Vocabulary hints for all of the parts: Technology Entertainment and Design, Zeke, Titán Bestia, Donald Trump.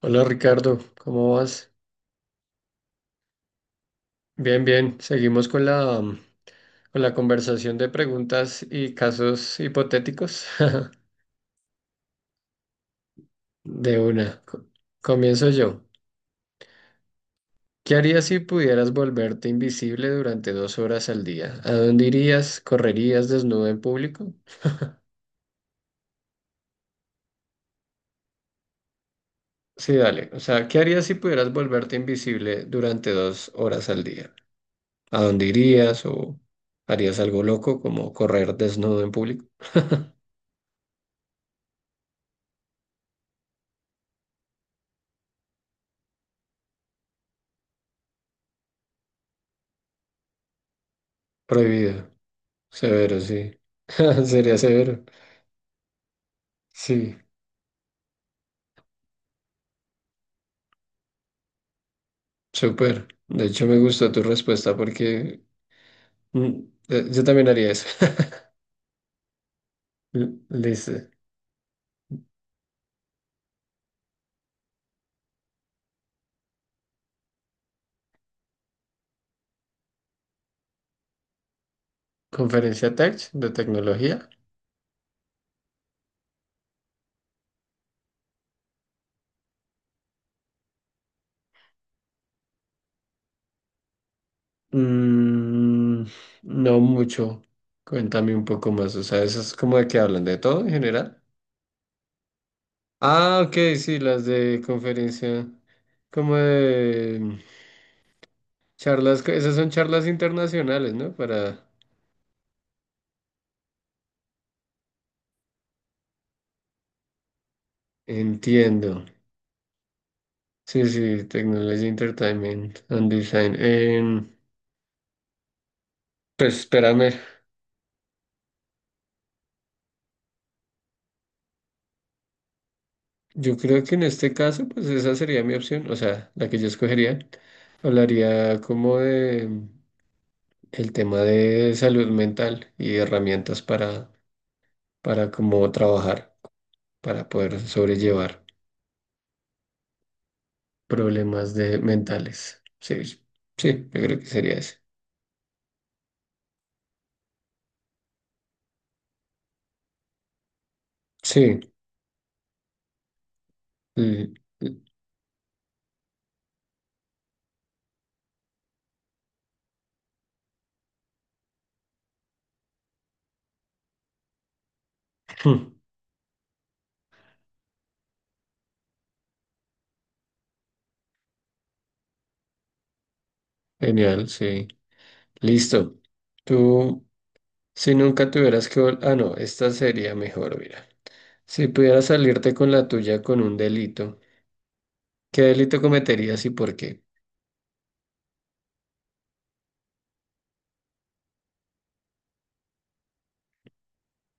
Hola Ricardo, ¿cómo vas? Bien, bien. Seguimos con la conversación de preguntas y casos hipotéticos. De una. Comienzo yo. ¿Qué harías si pudieras volverte invisible durante 2 horas al día? ¿A dónde irías? ¿Correrías desnudo en público? Sí, dale. O sea, ¿qué harías si pudieras volverte invisible durante dos horas al día? ¿A dónde irías o harías algo loco como correr desnudo en público? Prohibido. Severo, sí. Sería severo. Sí, súper. De hecho, me gustó tu respuesta porque mm, yo también haría eso. L- Listo. Conferencia tech de tecnología. Mm, no mucho. Cuéntame un poco más. O sea, eso es como de que hablan de todo en general. Ah, ok, sí, las de conferencia, como de charlas, esas son charlas internacionales, ¿no? Para... Entiendo. Sí, sí, Technology Entertainment and Design. Pues espérame, yo creo que en este caso, pues esa sería mi opción, o sea, la que yo escogería. Hablaría como de el tema de salud mental y herramientas para cómo trabajar, para poder sobrellevar problemas de mentales. Sí, sí, yo creo que sería ese. Sí, l- l- genial, sí. Listo. Tú. Si nunca tuvieras que vol- Ah, no, esta sería mejor, mira. Si pudieras salirte con la tuya con un delito, ¿qué delito cometerías y por qué?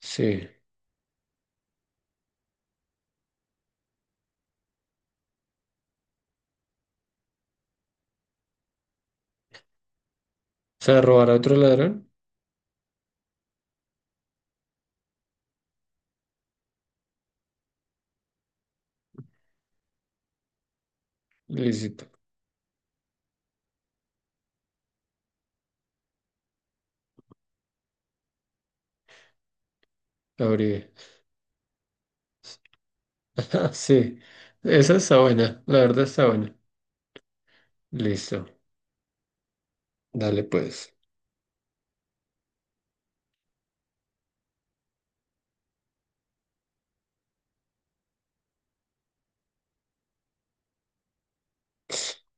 Sí. O sea, robar a otro ladrón, lícito. Abrí. Sí. Esa está buena, la verdad está buena. Listo. Dale pues.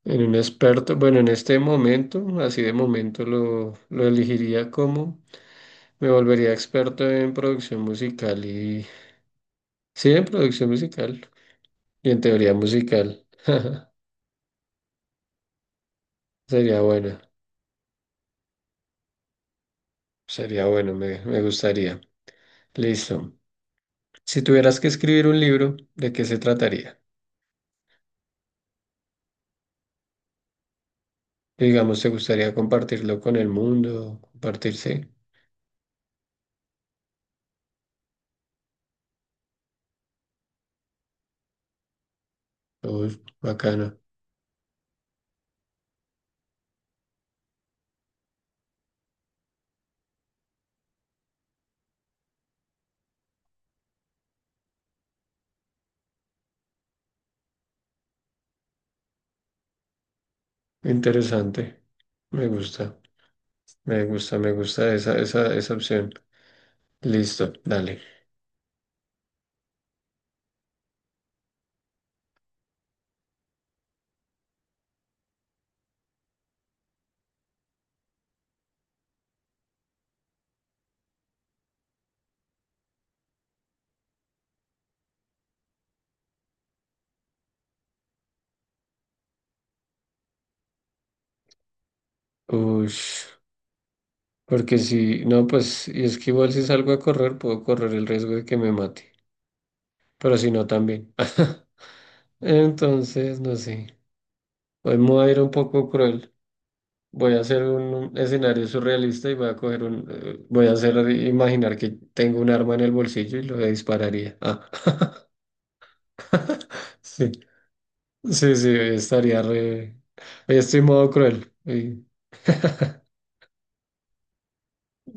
En un experto, bueno, en este momento, así de momento lo elegiría como me volvería experto en producción musical y... Sí, en producción musical y en teoría musical. Sería bueno, sería bueno, me gustaría. Listo. Si tuvieras que escribir un libro, ¿de qué se trataría? Digamos, ¿te gustaría compartirlo con el mundo? ¿Compartirse? Uy, bacana, interesante. Me gusta, me gusta, me gusta esa opción. Listo, dale. Uy, porque si no, pues, y es que igual si salgo a correr, puedo correr el riesgo de que me mate. Pero si no, también. Entonces, no sé. Hoy me voy a ir un poco cruel. Voy a hacer un escenario surrealista y voy a coger voy a hacer imaginar que tengo un arma en el bolsillo y lo dispararía. Ah. Sí, sí, sí, hoy estoy modo cruel.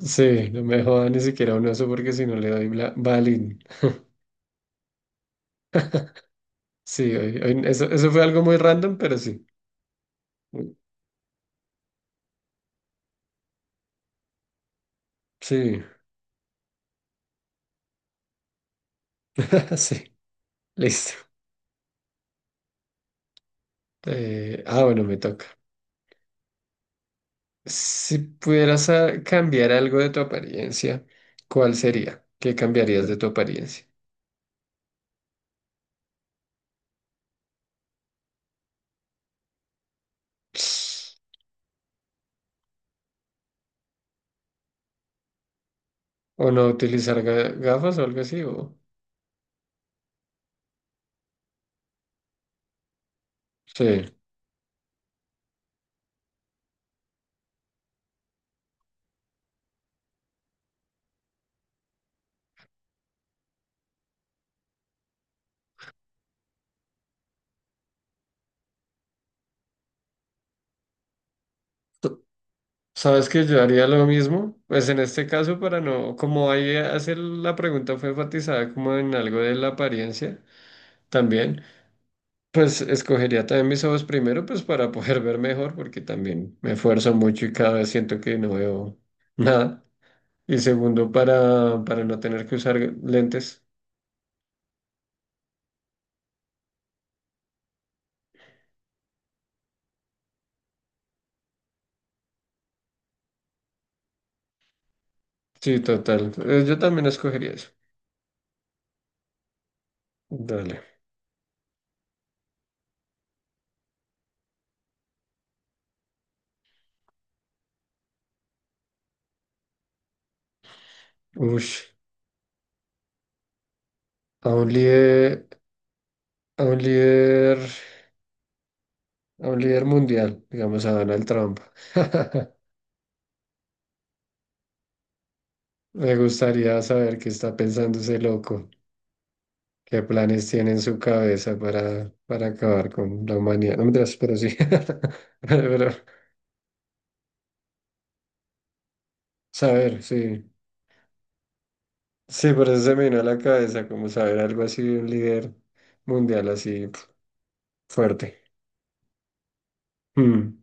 Sí, no me joda ni siquiera un oso porque si no le doy bla- balín. Sí, eso fue algo muy random, pero sí. Sí, sí, listo. Ah, bueno, me toca. Si pudieras cambiar algo de tu apariencia, ¿cuál sería? ¿Qué cambiarías de tu apariencia? ¿O no utilizar gafas o algo así? O... Sí. Tú- ¿Sabes que yo haría lo mismo? Pues en este caso, para no, como ahí hace la pregunta fue enfatizada como en algo de la apariencia también, pues escogería también mis ojos primero, pues para poder ver mejor, porque también me esfuerzo mucho y cada vez siento que no veo nada. Y segundo, para no tener que usar lentes. Sí, total. Yo también escogería eso. Dale. Ush. A un líder, a un líder, a un líder mundial, digamos a Donald Trump. Me gustaría saber qué está pensando ese loco, qué planes tiene en su cabeza para acabar con la humanidad. No me Pero sí. Pero, pero, saber, sí. Sí, por eso se me vino a la cabeza, como saber algo así de un líder mundial así pf, fuerte. Mm,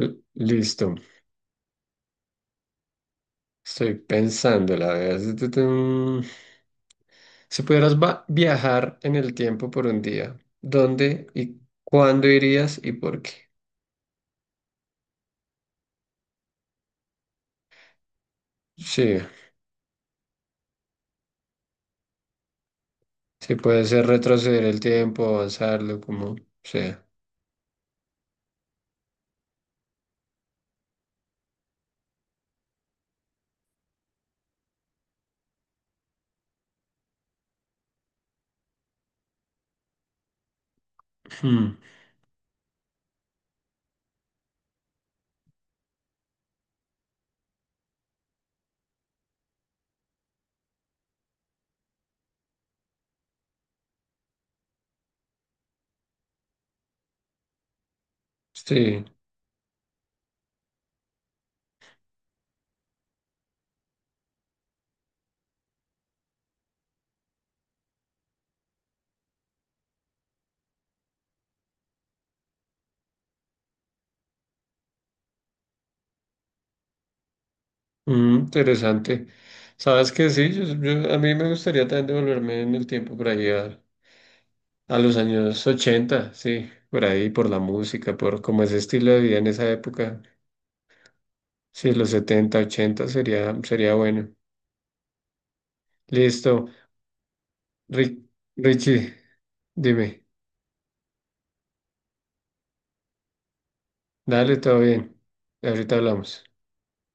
listo. Estoy pensando, la verdad. Tutum. Si pudieras viajar en el tiempo por un día, ¿dónde y cuándo irías y por qué? Sí, sí puede ser retroceder el tiempo, avanzarlo, como sea. Mm, sí, interesante. ¿Sabes qué? Sí, a mí me gustaría también devolverme en el tiempo por ahí a los años 80 sí, por ahí, por la música, por como ese estilo de vida en esa época. Sí, los 70, 80 sería, sería bueno. Listo. Ri- Richie, dime. Dale, todo bien. Ahorita hablamos.